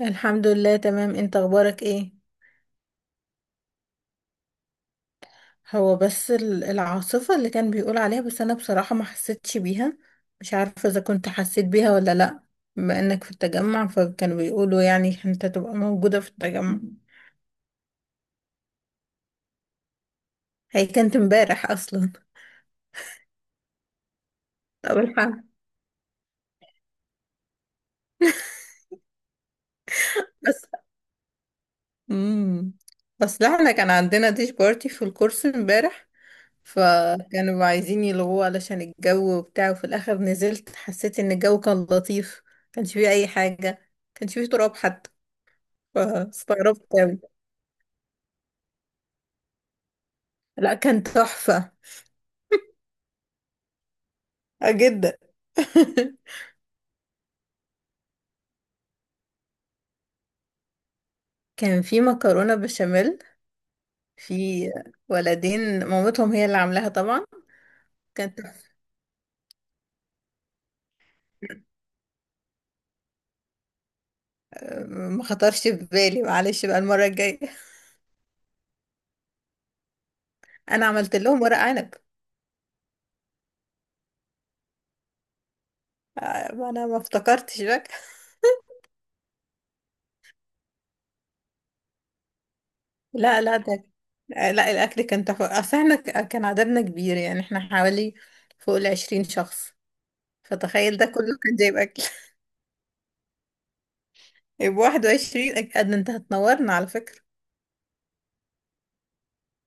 الحمد لله تمام، انت اخبارك ايه؟ هو بس العاصفة اللي كان بيقول عليها، بس انا بصراحة ما حسيتش بيها. مش عارفة اذا كنت حسيت بيها ولا لا. بما انك في التجمع فكانوا بيقولوا يعني انت تبقى موجودة في التجمع. هي كانت امبارح اصلا. طب الحمد. بس امم اصل احنا كان عندنا ديش بارتي في الكورس امبارح، فكانوا عايزين يلغوه علشان الجو وبتاع، وفي الاخر نزلت حسيت ان الجو كان لطيف. كانش فيه اي حاجة، كانش فيه تراب حتى. فاستغربت أوي. لا، كان تحفة. جدا. كان في مكرونة بشاميل. في ولدين مامتهم هي اللي عاملاها طبعا. كانت تحفة. ما خطرش في بالي، معلش بقى المرة الجاية. أنا عملت لهم ورق عنب. ما أنا ما افتكرتش بقى. لا ده، لا الأكل كان تحفة. أصل احنا كان عددنا كبير، يعني احنا حوالي فوق ال20 شخص. فتخيل ده كله كان جايب أكل. يبقى 21 أكيد. أنت هتنورنا على فكرة.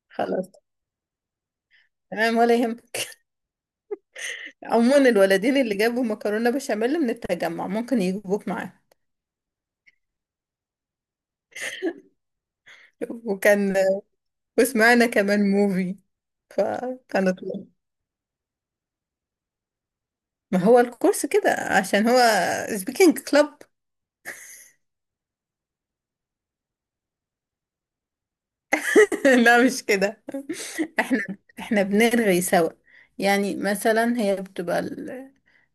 خلاص تمام ولا يهمك. عموما الولدين اللي جابوا مكرونة بشاميل من التجمع ممكن يجيبوك معاهم. وكان، وسمعنا كمان موفي. فكانت، ما هو الكورس كده عشان هو سبيكينج كلاب. لا، مش كده. احنا، بنرغي سوا. يعني مثلا هي بتبقى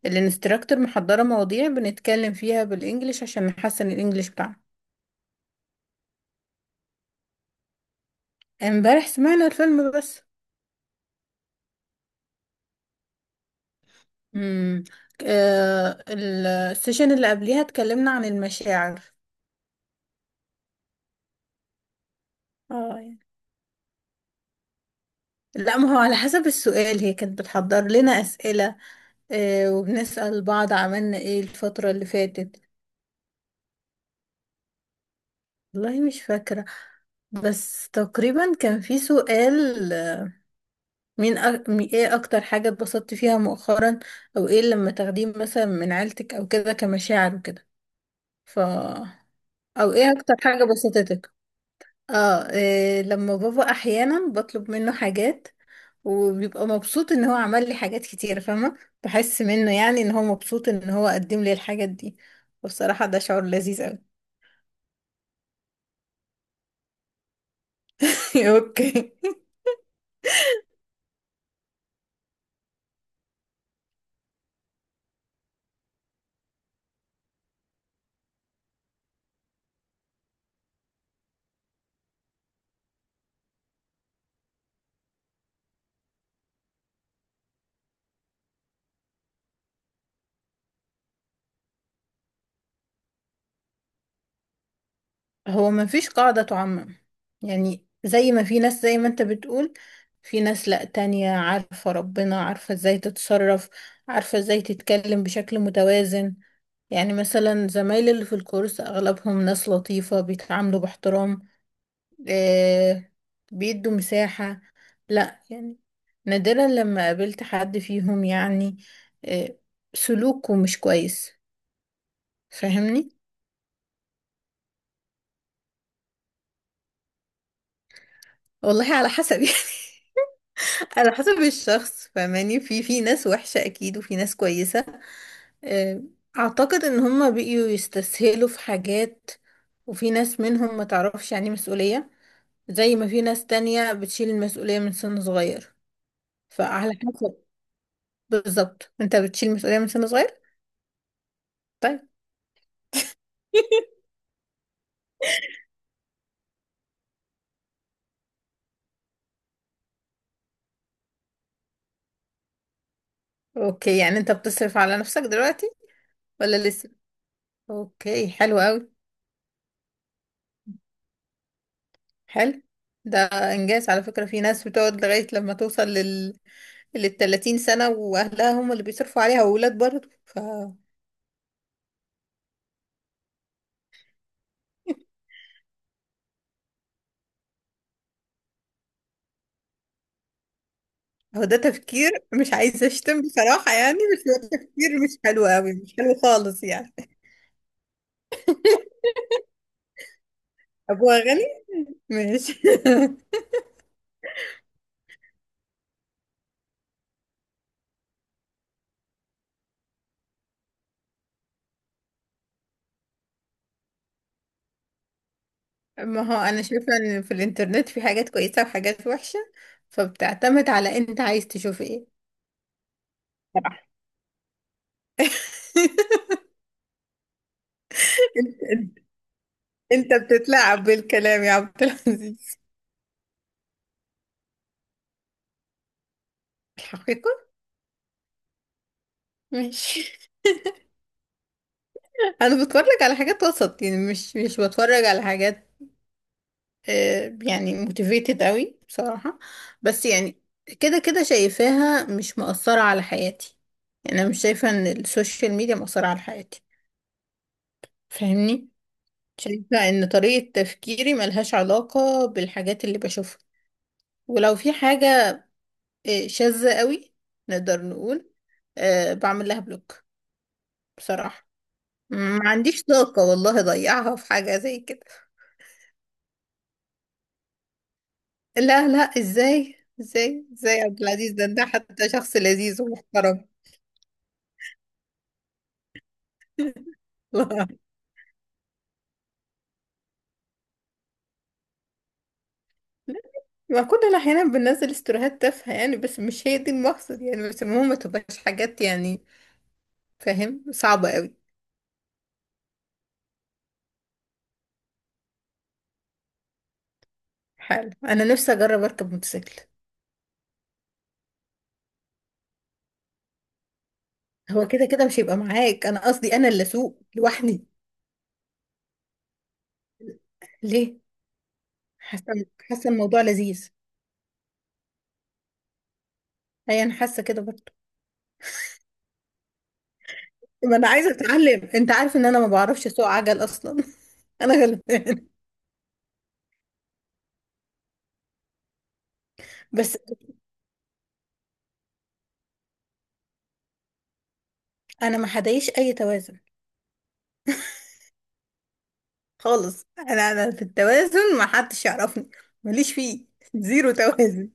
الانستراكتور محضرة مواضيع بنتكلم فيها بالانجليش عشان نحسن الانجليش بتاعنا. امبارح سمعنا الفيلم بس. امم السيشن اللي قبليها اتكلمنا عن المشاعر. اه يعني. لا ما هو على حسب السؤال، هي كانت بتحضر لنا أسئلة. آه، وبنسأل بعض عملنا ايه الفترة اللي فاتت. والله مش فاكرة، بس تقريبا كان في سؤال، ايه أكتر حاجة اتبسطت فيها مؤخرا؟ أو ايه لما تاخديه مثلا من عيلتك أو كده كمشاعر وكده. ف أو ايه أكتر حاجة بسطتك. اه، إيه لما بابا أحيانا بطلب منه حاجات وبيبقى مبسوط ان هو عمل لي حاجات كتير، فاهمة؟ بحس منه يعني ان هو مبسوط ان هو قدم لي الحاجات دي. والصراحة ده شعور لذيذ قوي. اوكي. هو ما فيش قاعدة تعمم. يعني زي ما في ناس زي ما انت بتقول، في ناس لا تانية عارفة ربنا، عارفة ازاي تتصرف، عارفة ازاي تتكلم بشكل متوازن. يعني مثلا زمايلي اللي في الكورس اغلبهم ناس لطيفة، بيتعاملوا باحترام، آه، بيدوا مساحة. لا يعني نادرا لما قابلت حد فيهم يعني آه سلوكه مش كويس. فاهمني؟ والله على حسب. يعني على حسب الشخص، فاهماني؟ في ناس وحشة أكيد وفي ناس كويسة. آه، أعتقد إن هما بقيوا يستسهلوا في حاجات، وفي ناس منهم ما تعرفش يعني مسؤولية. زي ما في ناس تانية بتشيل المسؤولية من سن صغير. فعلى حسب. بالظبط انت بتشيل مسؤولية من سن صغير؟ طيب. اوكي، يعني انت بتصرف على نفسك دلوقتي ولا لسه؟ اوكي، حلو قوي. حلو. ده انجاز على فكرة. في ناس بتقعد لغاية لما توصل لل 30 سنة، واهلها هم اللي بيصرفوا عليها، واولاد برضه. ف هو ده تفكير؟ مش عايزة اشتم بصراحة يعني، بس هو تفكير مش حلو قوي، مش حلو خالص يعني. ابوها غني. ماشي. ما هو انا شايفه ان في الانترنت في حاجات كويسه وحاجات وحشه، فبتعتمد على انت عايز تشوف ايه. صراحة. انت بتتلاعب بالكلام يا عبد العزيز. الحقيقة؟ ماشي. انا بتفرج على حاجات وسط، يعني مش بتفرج على حاجات يعني موتيفيتد قوي بصراحة. بس يعني كده كده شايفاها مش مؤثرة على حياتي. يعني انا مش شايفة ان السوشيال ميديا مؤثرة على حياتي، فاهمني؟ شايفة ان طريقة تفكيري ملهاش علاقة بالحاجات اللي بشوفها. ولو في حاجة شاذة قوي نقدر نقول، بعمل لها بلوك. بصراحة ما عنديش طاقة والله أضيعها في حاجة زي كده. لا لا، إزاي؟ إزاي عبد العزيز؟ ده حتى شخص لذيذ ومحترم. ما كنا أحيانا بننزل استوريهات تافهة يعني، بس مش هي دي المقصد يعني، بس المهم ما تبقاش حاجات يعني فاهم، صعبة قوي. حلو، أنا نفسي أجرب أركب موتوسيكل. هو كده كده مش هيبقى معاك، أنا قصدي أنا اللي أسوق لوحدي. ليه؟ حاسة الموضوع لذيذ. هي أنا حاسة كده برضه. ما انا عايزه اتعلم، انت عارف ان انا ما بعرفش اسوق عجل اصلا. انا غلبان. بس انا ما حدايش اي توازن خالص. انا في التوازن ما حدش يعرفني، ماليش فيه. زيرو توازن.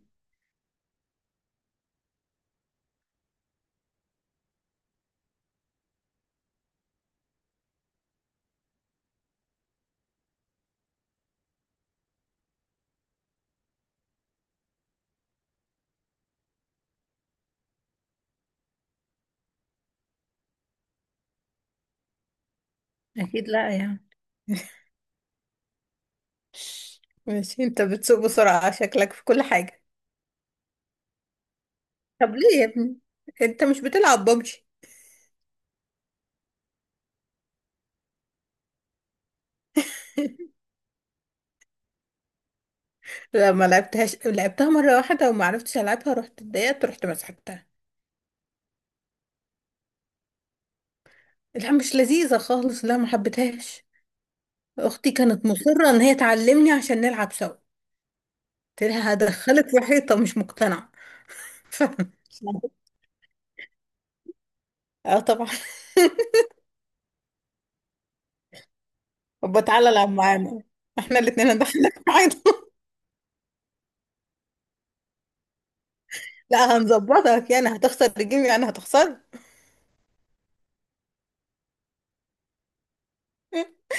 اكيد لا يعني. ماشي، انت بتسوق بسرعه شكلك في كل حاجه. طب ليه يا ابني؟ انت مش بتلعب ببجي؟ لا ما لعبتهاش، لعبتها مره واحده وما عرفتش العبها، رحت اتضايقت رحت مسحتها. لا، مش لذيذه خالص، لا ما حبيتهاش. اختي كانت مصرة ان هي تعلمني عشان نلعب سوا، قلت لها هدخلك في حيطة، مش مقتنعة. ف... اه طبعا. طب تعالى العب معانا، احنا الاتنين هندخلك في حيطة. لا هنظبطك يعني، هتخسر الجيم يعني، هتخسر.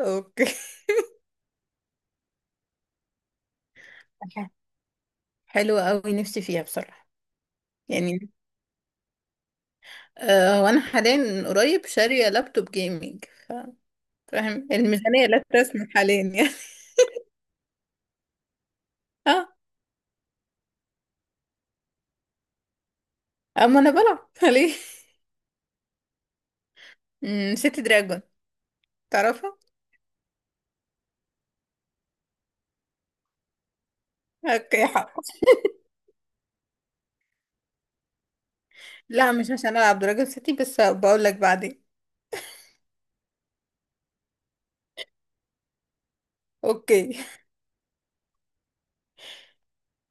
اوكي. حلوة قوي نفسي فيها بصراحة، يعني آه وانا حاليا قريب شارية لابتوب جيمنج، فاهم؟ الميزانية لا تسمح حاليا يعني. اه. اما انا بلعب. ليه؟ سيتي دراجون، تعرفها؟ اوكي. لا، مش عشان العب درجة ستي، بس بقول لك بعدين. اوكي.